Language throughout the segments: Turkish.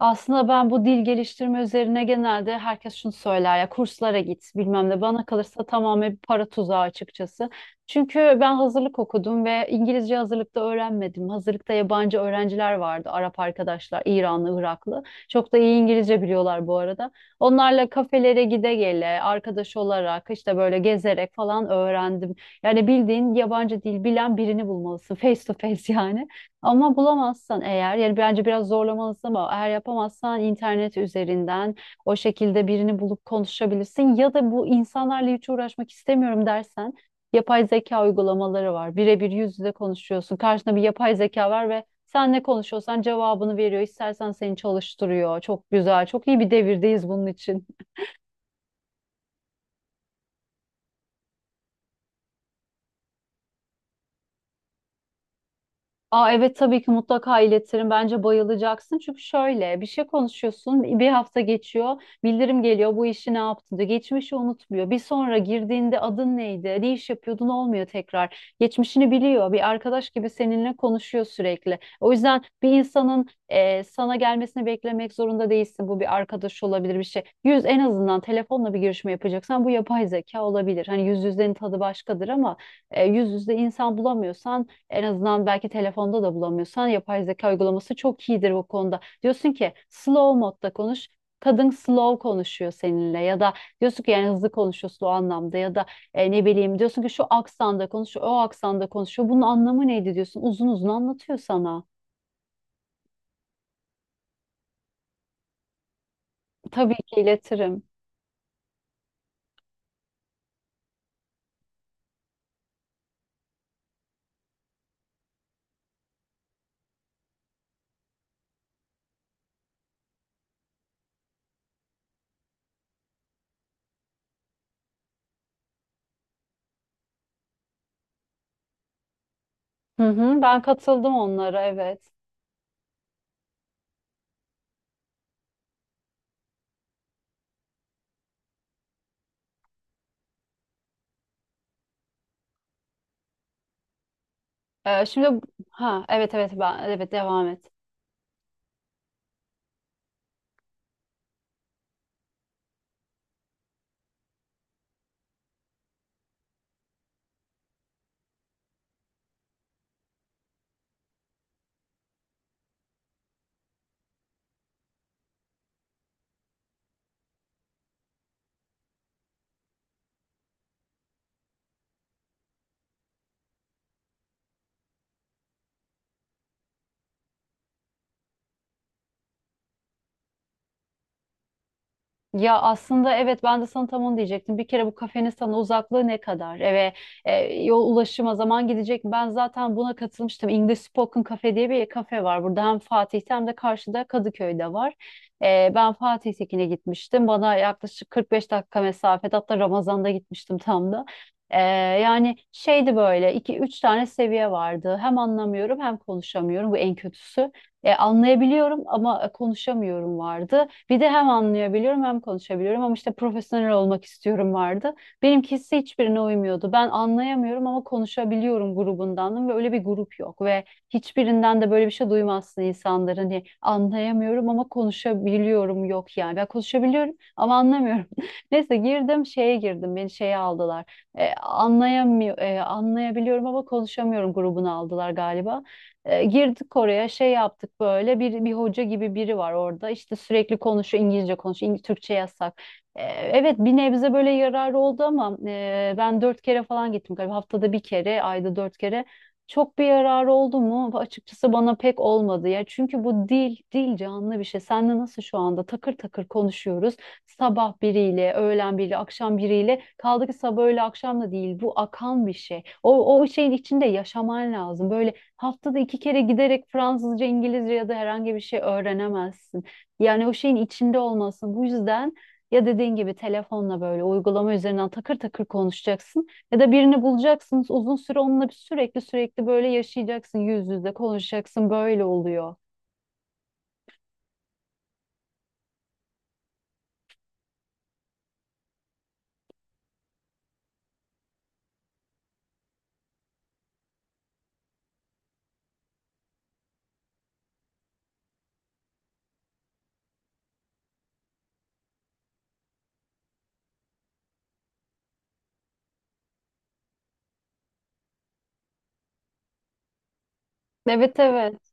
Aslında ben bu dil geliştirme üzerine genelde herkes şunu söyler ya, kurslara git bilmem ne, bana kalırsa tamamen bir para tuzağı açıkçası. Çünkü ben hazırlık okudum ve İngilizce hazırlıkta öğrenmedim. Hazırlıkta yabancı öğrenciler vardı, Arap arkadaşlar, İranlı, Iraklı. Çok da iyi İngilizce biliyorlar bu arada. Onlarla kafelere gide gele, arkadaş olarak, işte böyle gezerek falan öğrendim. Yani bildiğin yabancı dil bilen birini bulmalısın, face to face yani. Ama bulamazsan eğer, yani bence biraz zorlamalısın, ama eğer yapamazsan internet üzerinden o şekilde birini bulup konuşabilirsin, ya da bu insanlarla hiç uğraşmak istemiyorum dersen yapay zeka uygulamaları var. Birebir yüz yüze konuşuyorsun. Karşında bir yapay zeka var ve sen ne konuşuyorsan cevabını veriyor. İstersen seni çalıştırıyor. Çok güzel. Çok iyi bir devirdeyiz bunun için. Aa, evet, tabii ki mutlaka iletirim. Bence bayılacaksın. Çünkü şöyle bir şey, konuşuyorsun. Bir hafta geçiyor. Bildirim geliyor. Bu işi ne yaptın diyor. Geçmişi unutmuyor. Bir sonra girdiğinde adın neydi, ne iş yapıyordun olmuyor tekrar. Geçmişini biliyor. Bir arkadaş gibi seninle konuşuyor sürekli. O yüzden bir insanın sana gelmesini beklemek zorunda değilsin. Bu bir arkadaş olabilir, bir şey. Yüz, en azından telefonla bir görüşme yapacaksan bu yapay zeka olabilir. Hani yüz yüzlerin tadı başkadır ama yüz yüzde insan bulamıyorsan, en azından belki telefonda da bulamıyorsan, yapay zeka uygulaması çok iyidir bu konuda. Diyorsun ki slow modda konuş. Kadın slow konuşuyor seninle, ya da diyorsun ki yani hızlı konuşuyorsun o anlamda, ya da ne bileyim, diyorsun ki şu aksanda konuşuyor, o aksanda konuşuyor. Bunun anlamı neydi diyorsun. Uzun uzun anlatıyor sana. Tabii ki iletirim. Hı hı, ben katıldım onlara, evet. Şimdi, ha, evet evet, ben, evet, devam et. Ya aslında evet, ben de sana tam onu diyecektim. Bir kere bu kafenin sana uzaklığı ne kadar? Eve e, yol, ulaşıma zaman gidecek. Ben zaten buna katılmıştım. English Spoken Cafe diye bir kafe var. Burada hem Fatih'te hem de karşıda Kadıköy'de var. Ben Fatih'tekine gitmiştim. Bana yaklaşık 45 dakika mesafede, hatta Ramazan'da gitmiştim tam da. E, Yani şeydi, böyle iki üç tane seviye vardı. Hem anlamıyorum hem konuşamıyorum, bu en kötüsü. Anlayabiliyorum ama konuşamıyorum vardı. Bir de hem anlayabiliyorum hem konuşabiliyorum ama işte profesyonel olmak istiyorum vardı. Benimkisi hiçbirine uymuyordu. Ben anlayamıyorum ama konuşabiliyorum grubundandım ve öyle bir grup yok, ve hiçbirinden de böyle bir şey duymazsın insanlar. Hani anlayamıyorum ama konuşabiliyorum yok yani. Ben konuşabiliyorum ama anlamıyorum. Neyse, girdim şeye, girdim, beni şeye aldılar. Anlayabiliyorum ama konuşamıyorum grubuna aldılar galiba. Girdik oraya, şey yaptık, böyle bir hoca gibi biri var orada, işte sürekli konuşuyor, İngilizce konuşuyor, Türkçe yasak. Evet, bir nebze böyle yararı oldu ama ben dört kere falan gittim galiba, haftada bir kere, ayda dört kere. Çok bir yararı oldu mu? Açıkçası bana pek olmadı ya. Çünkü bu dil canlı bir şey. Seninle nasıl şu anda takır takır konuşuyoruz. Sabah biriyle, öğlen biriyle, akşam biriyle. Kaldı ki sabah öğle akşam da değil. Bu akan bir şey. O şeyin içinde yaşaman lazım. Böyle haftada iki kere giderek Fransızca, İngilizce ya da herhangi bir şey öğrenemezsin. Yani o şeyin içinde olmasın. Bu yüzden ya dediğin gibi telefonla, böyle uygulama üzerinden takır takır konuşacaksın, ya da birini bulacaksınız uzun süre, onunla bir sürekli sürekli böyle yaşayacaksın, yüz yüze konuşacaksın, böyle oluyor. Evet, evet.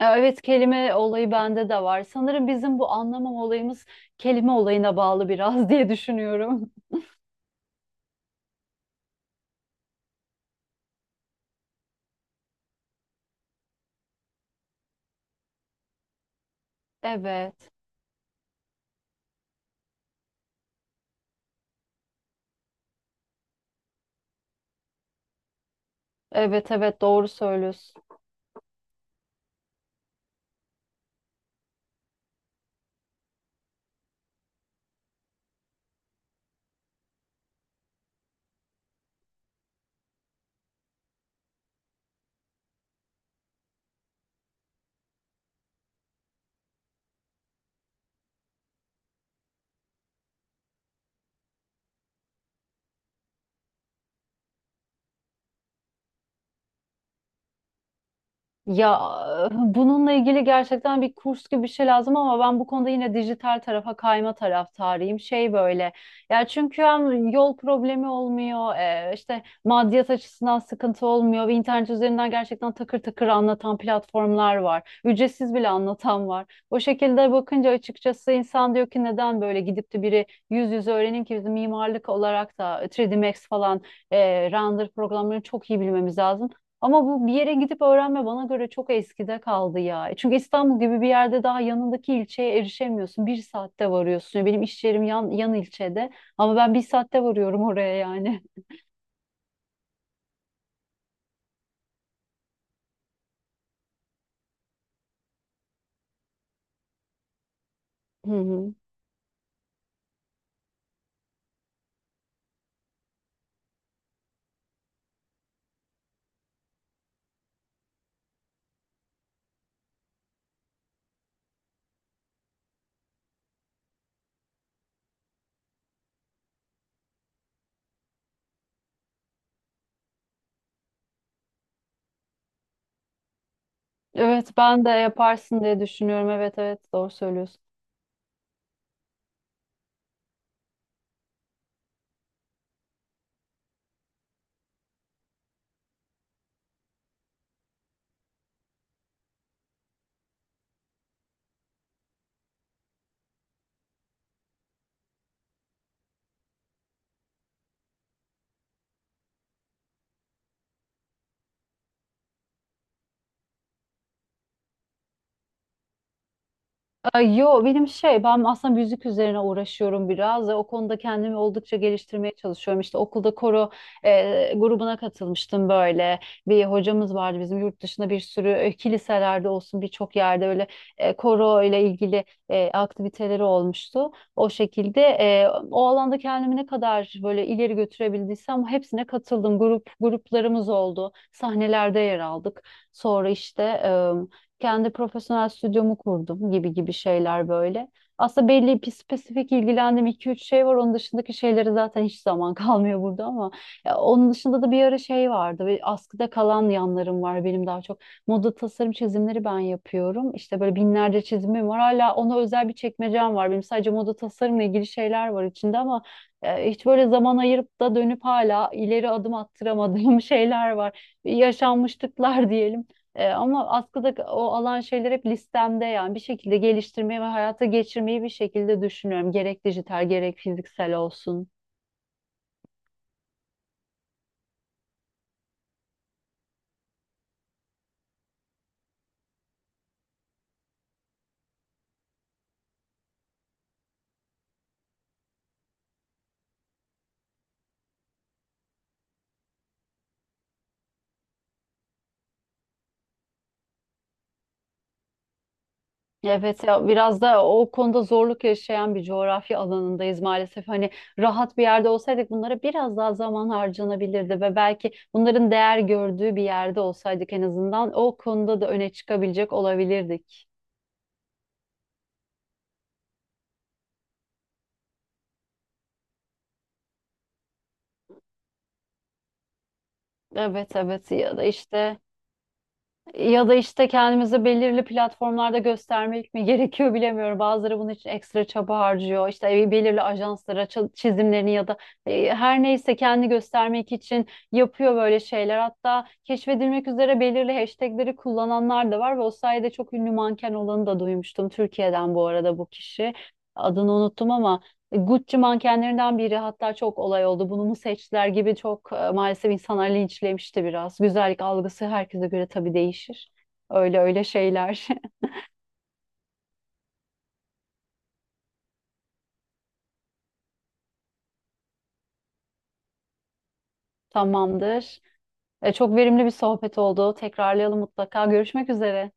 Ya, evet, kelime olayı bende de var. Sanırım bizim bu anlamam olayımız kelime olayına bağlı biraz diye düşünüyorum. Evet. Evet evet, doğru söylüyorsun. Ya, bununla ilgili gerçekten bir kurs gibi bir şey lazım, ama ben bu konuda yine dijital tarafa kayma taraftarıyım. Şey böyle. Ya çünkü hem yol problemi olmuyor, işte maddiyat açısından sıkıntı olmuyor, ve internet üzerinden gerçekten takır takır anlatan platformlar var. Ücretsiz bile anlatan var. O şekilde bakınca açıkçası insan diyor ki neden böyle gidip de biri yüz yüze öğrenin ki, biz mimarlık olarak da 3D Max falan render programlarını çok iyi bilmemiz lazım. Ama bu bir yere gidip öğrenme bana göre çok eskide kaldı ya. Çünkü İstanbul gibi bir yerde daha yanındaki ilçeye erişemiyorsun. Bir saatte varıyorsun. Ya, benim iş yerim yan ilçede, ama ben bir saatte varıyorum oraya yani. Hı hı. Evet, ben de yaparsın diye düşünüyorum. Evet evet, doğru söylüyorsun. Ay, yo, benim şey, ben aslında müzik üzerine uğraşıyorum biraz ve o konuda kendimi oldukça geliştirmeye çalışıyorum. İşte okulda koro grubuna katılmıştım böyle. Bir hocamız vardı bizim, yurt dışında bir sürü kiliselerde olsun, birçok yerde öyle koro ile ilgili aktiviteleri olmuştu. O şekilde o alanda kendimi ne kadar böyle ileri götürebildiysem hepsine katıldım. Grup gruplarımız oldu. Sahnelerde yer aldık. Sonra işte kendi profesyonel stüdyomu kurdum, gibi gibi şeyler böyle. Aslında belli bir spesifik ilgilendiğim iki üç şey var. Onun dışındaki şeyleri zaten hiç zaman kalmıyor burada, ama ya onun dışında da bir ara şey vardı. Ve askıda kalan yanlarım var benim daha çok. Moda tasarım çizimleri ben yapıyorum. İşte böyle binlerce çizimim var. Hala ona özel bir çekmecem var. Benim sadece moda tasarımla ilgili şeyler var içinde, ama hiç böyle zaman ayırıp da dönüp hala ileri adım attıramadığım şeyler var. Yaşanmışlıklar diyelim. Ama askıda o alan şeyler hep listemde, yani bir şekilde geliştirmeyi ve hayata geçirmeyi bir şekilde düşünüyorum. Gerek dijital, gerek fiziksel olsun. Evet ya, biraz da o konuda zorluk yaşayan bir coğrafya alanındayız maalesef. Hani rahat bir yerde olsaydık bunlara biraz daha zaman harcanabilirdi, ve belki bunların değer gördüğü bir yerde olsaydık en azından o konuda da öne çıkabilecek olabilirdik. Evet evet, ya da işte kendimizi belirli platformlarda göstermek mi gerekiyor bilemiyorum. Bazıları bunun için ekstra çaba harcıyor. İşte belirli ajanslara çizimlerini ya da her neyse kendi göstermek için yapıyor böyle şeyler. Hatta keşfedilmek üzere belirli hashtagleri kullananlar da var ve o sayede çok ünlü manken olanı da duymuştum. Türkiye'den bu arada bu kişi. Adını unuttum ama Gucci mankenlerinden biri, hatta çok olay oldu. Bunu mu seçtiler gibi çok, maalesef insanlar linçlemişti biraz. Güzellik algısı herkese göre tabii değişir. Öyle öyle şeyler. Tamamdır. Çok verimli bir sohbet oldu. Tekrarlayalım mutlaka. Görüşmek üzere.